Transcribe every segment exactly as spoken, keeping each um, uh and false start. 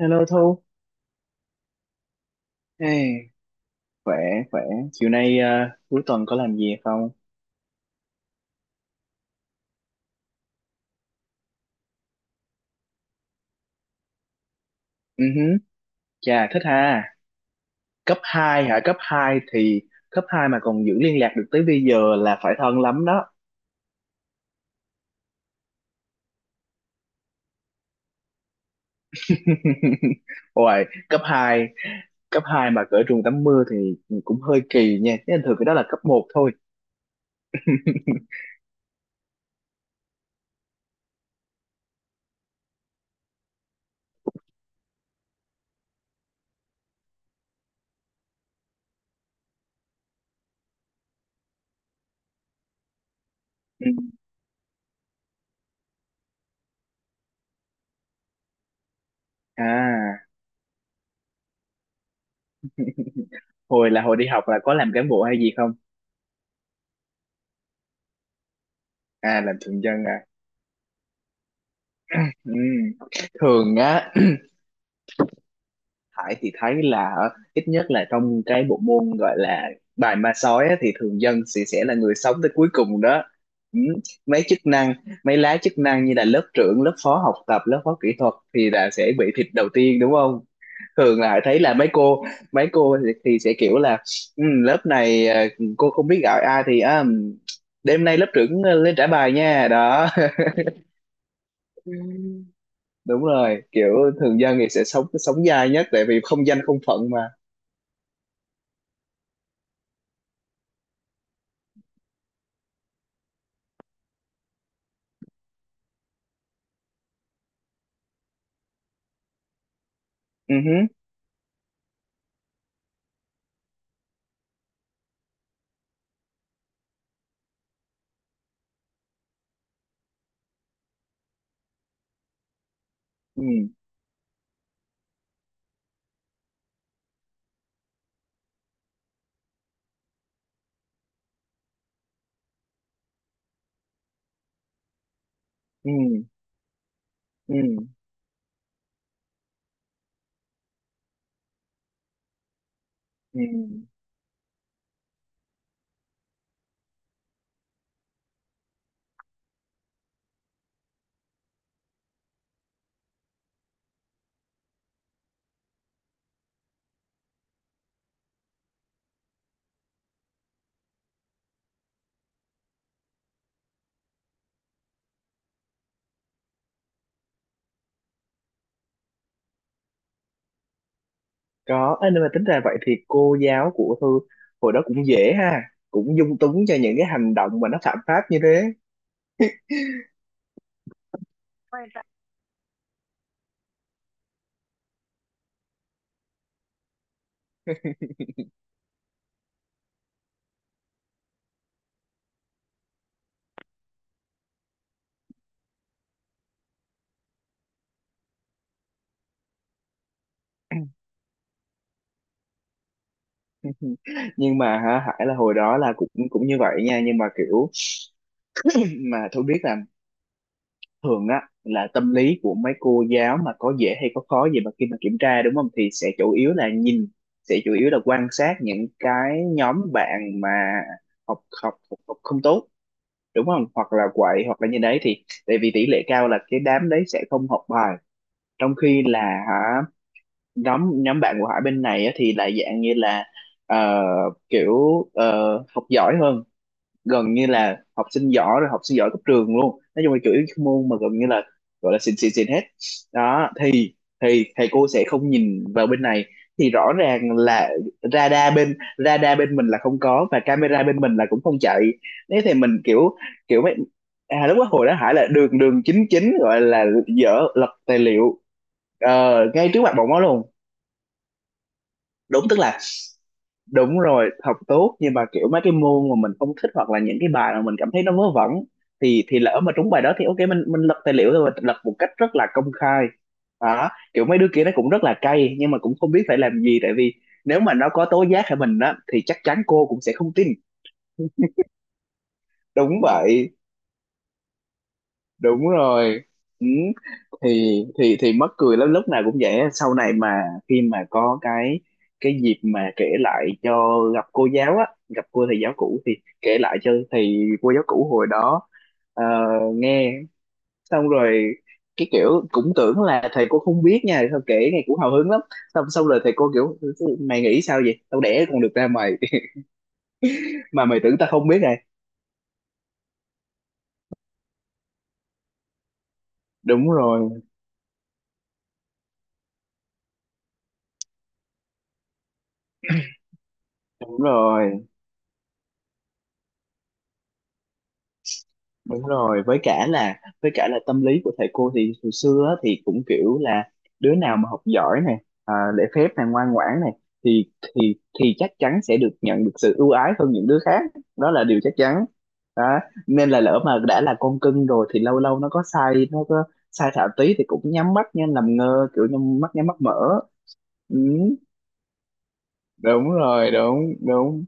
Hello Thu, hey, khỏe khỏe. Chiều nay ờ, cuối tuần có làm gì không? Ừ huh. Chà thích ha. Cấp hai hả? Cấp hai thì cấp hai mà còn giữ liên lạc được tới bây giờ là phải thân lắm đó. Ôi, cấp hai cấp hai mà cỡ trường tắm mưa thì cũng hơi kỳ nha. Chứ thường cái đó là cấp một thôi. Ừ. À, hồi là hồi đi học là có làm cán bộ hay gì không? À, làm thường dân à. Ừ. Thường á, Hải thì thấy là ở- ít nhất là trong cái bộ môn gọi là bài ma sói á, thì thường dân sẽ sẽ là người sống tới cuối cùng đó. Ừ. mấy chức năng Mấy lá chức năng như là lớp trưởng, lớp phó học tập, lớp phó kỹ thuật thì là sẽ bị thịt đầu tiên đúng không? Thường là Hải thấy là mấy cô mấy cô thì, thì sẽ kiểu là "Ừ, lớp này ờ, cô không biết gọi ai thì à, đêm nay lớp trưởng lên trả bài nha." Đó. Ừ, đúng rồi, kiểu thường dân thì sẽ sống sống dai nhất tại vì không danh không phận mà. Ừ hứ. Ừ. Ừ. Ừ. Ừ. Có. Ê, nhưng mà tính ra vậy thì cô giáo của Thư hồi đó cũng dễ ha, cũng dung túng cho những cái hành động mà nó phạm pháp như thế. Dạ. Nhưng mà hả, Hải là hồi đó là cũng cũng như vậy nha, nhưng mà kiểu mà tôi biết là thường á là tâm lý của mấy cô giáo mà có dễ hay có khó gì mà khi mà kiểm tra, đúng không, thì sẽ chủ yếu là nhìn, sẽ chủ yếu là quan sát những cái nhóm bạn mà học học học, học không tốt, đúng không, hoặc là quậy hoặc là như đấy, thì tại vì tỷ lệ cao là cái đám đấy sẽ không học bài, trong khi là, hả, nhóm nhóm bạn của Hải bên này á, thì lại dạng như là ờ, kiểu ờ, học giỏi hơn, gần như là học sinh giỏi rồi, học sinh giỏi cấp trường luôn, nói chung là chủ yếu cái môn mà gần như là gọi là xịn xịn xịn hết. Đó thì thì thầy cô sẽ không nhìn vào bên này, thì rõ ràng là radar bên radar bên mình là không có và camera bên mình là cũng không chạy. Thế thì mình kiểu, kiểu mấy, à, lúc đó hồi đó Hải là đường đường chính chính gọi là dở lật tài liệu ờ, ngay trước mặt bọn nó luôn. Đúng, tức là đúng rồi học tốt nhưng mà kiểu mấy cái môn mà mình không thích hoặc là những cái bài mà mình cảm thấy nó vớ vẩn thì thì lỡ mà trúng bài đó thì ok mình mình lật tài liệu rồi, lật một cách rất là công khai. Đó, kiểu mấy đứa kia nó cũng rất là cay nhưng mà cũng không biết phải làm gì tại vì nếu mà nó có tố giác hay mình á thì chắc chắn cô cũng sẽ không tin. Đúng vậy, đúng rồi. Ừ. thì thì thì mắc cười lắm, lúc nào cũng vậy á. Sau này mà khi mà có cái cái dịp mà kể lại cho gặp cô giáo á, gặp cô thầy giáo cũ thì kể lại cho thầy cô giáo cũ hồi đó ờ, nghe, xong rồi cái kiểu cũng tưởng là thầy cô không biết nha, sao kể nghe cũng hào hứng lắm. Xong Xong rồi thầy cô kiểu "mày nghĩ sao vậy, tao đẻ con được ra mày mà mày tưởng tao không biết này." Đúng rồi, đúng rồi, đúng rồi, với cả là với cả là tâm lý của thầy cô thì hồi xưa á, thì cũng kiểu là đứa nào mà học giỏi này, à, lễ phép này, ngoan ngoãn này thì thì thì chắc chắn sẽ được nhận được sự ưu ái hơn những đứa khác. Đó là điều chắc chắn. Đó. Nên là lỡ mà đã là con cưng rồi thì lâu lâu nó có sai, nó có sai thảo tí thì cũng nhắm mắt nha, làm ngơ, kiểu nhắm mắt, nhắm mắt mở. Ừ, đúng rồi, đúng đúng.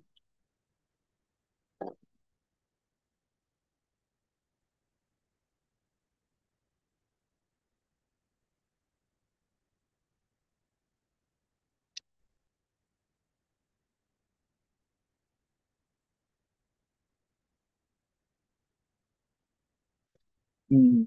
Ừ.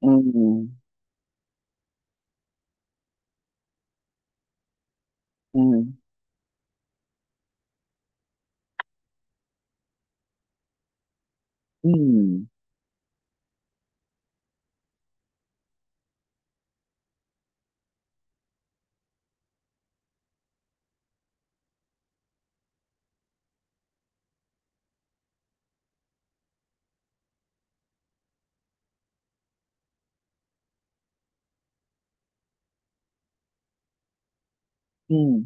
Ừ. Ừ. Ừ. Ừ.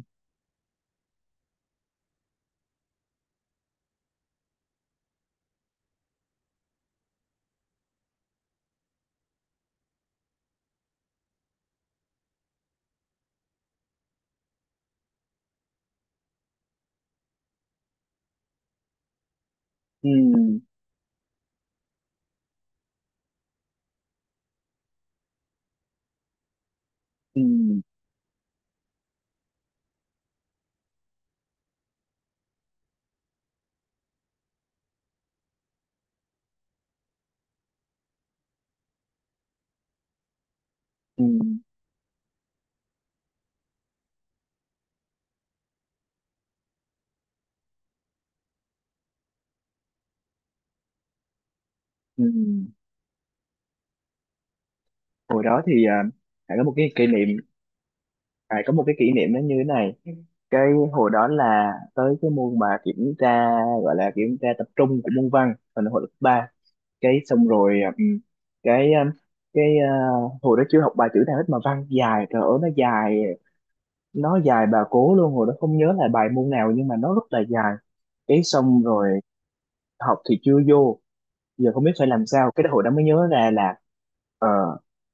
Ừ. Ừ. Ừ. Ừ. Ừ. Ừ. Hồi đó thì à, Hải có một cái kỷ niệm, Hải có một cái kỷ niệm nó như thế này. Cái hồi đó là tới cái môn mà kiểm tra, gọi là kiểm tra tập trung của môn văn hồi hồi lớp ba. Cái xong rồi à, ừ, cái à, cái à, Hồi đó chưa học bài chữ nào hết mà văn dài, trời ơi nó dài, nó dài bà cố luôn. Hồi đó không nhớ là bài môn nào nhưng mà nó rất là dài. Cái xong rồi học thì chưa vô, giờ không biết phải làm sao. Cái đó hồi đó mới nhớ ra là ờ,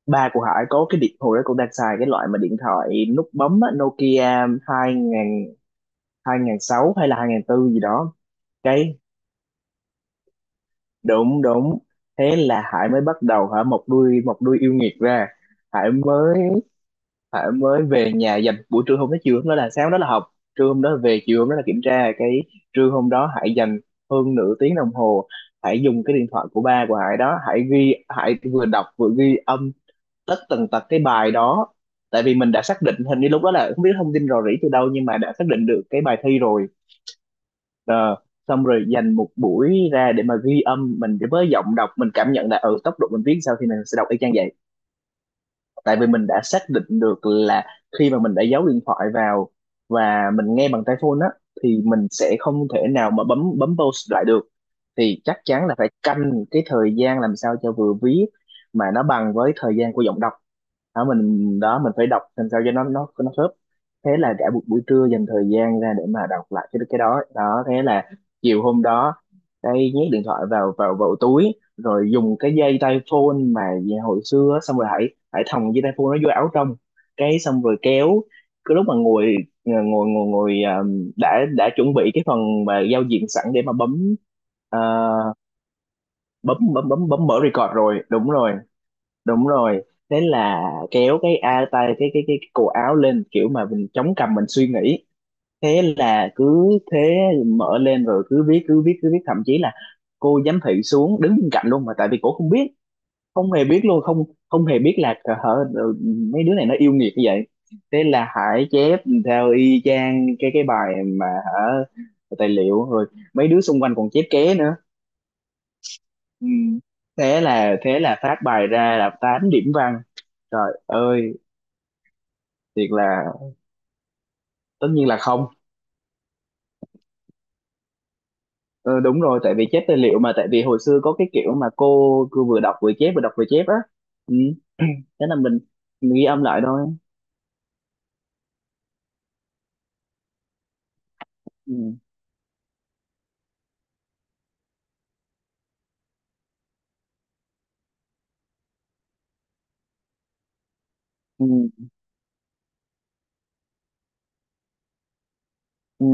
ba của Hải có cái điện, hồi đó cũng đang xài cái loại mà điện thoại nút bấm á, Nokia hai ngàn hai ngàn sáu hay là hai ngàn tư gì đó. Cái đúng, đúng. Thế là Hải mới bắt đầu, hả, một đuôi một đuôi yêu nghiệt ra. Hải mới Hải mới về nhà, dành buổi trưa hôm đó, chiều hôm đó, là sáng hôm đó là học, trưa hôm đó là về, chiều hôm đó là kiểm tra. Cái trưa hôm đó Hải dành hơn nửa tiếng đồng hồ, Hải dùng cái điện thoại của ba của Hải đó, Hải ghi, Hải vừa đọc vừa ghi âm tất tần tật cái bài đó. Tại vì mình đã xác định, hình như lúc đó là không biết thông tin rò rỉ từ đâu nhưng mà đã xác định được cái bài thi rồi. Ờ, xong rồi dành một buổi ra để mà ghi âm, mình với giọng đọc mình cảm nhận là ở ừ, tốc độ mình viết sao thì mình sẽ đọc y chang vậy. Tại vì mình đã xác định được là khi mà mình đã giấu điện thoại vào và mình nghe bằng tai phone á thì mình sẽ không thể nào mà bấm bấm pause lại được, thì chắc chắn là phải canh cái thời gian làm sao cho vừa viết mà nó bằng với thời gian của giọng đọc. Đó mình, đó mình phải đọc làm sao cho nó nó nó khớp. Thế là cả một buổi trưa dành thời gian ra để mà đọc lại cái cái đó. Đó thế là chiều hôm đó đây nhét điện thoại vào vào vào túi rồi dùng cái dây tai phone mà về hồi xưa á, xong rồi hãy hãy thòng dây tai phone nó vô áo trong. Cái xong rồi kéo cái lúc mà ngồi ờ, ngồi ngồi ngồi, à, đã đã chuẩn bị cái phần mà giao diện sẵn để mà bấm, à, bấm bấm bấm bấm mở record rồi, đúng rồi, đúng rồi. Thế là kéo cái a tay cái cái cái, cái cổ áo lên, kiểu mà mình chống cằm mình suy nghĩ. Thế là cứ thế mở lên rồi cứ viết cứ viết cứ viết, thậm chí là cô giám thị xuống đứng bên cạnh luôn mà, tại vì cổ không biết, không hề biết luôn, không không hề biết là hả ừ, mấy đứa này nó yêu nghiệt như vậy. Thế là Hải chép theo y chang cái cái bài mà, hả, tài liệu rồi, mấy đứa xung quanh còn chép ké nữa. Ừ. Thế là thế là phát bài ra là tám điểm văn, trời ơi! Thiệt là, tất nhiên là không. Ờ, đúng rồi, tại vì chép tài liệu mà, tại vì hồi xưa có cái kiểu mà cô cứ vừa đọc vừa chép, vừa đọc vừa chép á. Ừ, thế là mình, mình ghi âm lại thôi. Ừ, ừ, ừ,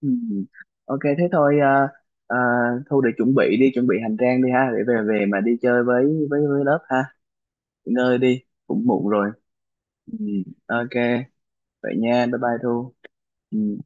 ừ. Ok thế thôi, à, à, Thu để chuẩn bị đi, chuẩn bị hành trang đi ha, để về về mà đi chơi với với với lớp ha. Nghỉ ngơi đi, cũng muộn rồi. Ừ, ok, vậy nha, bye bye Thu. Ừ.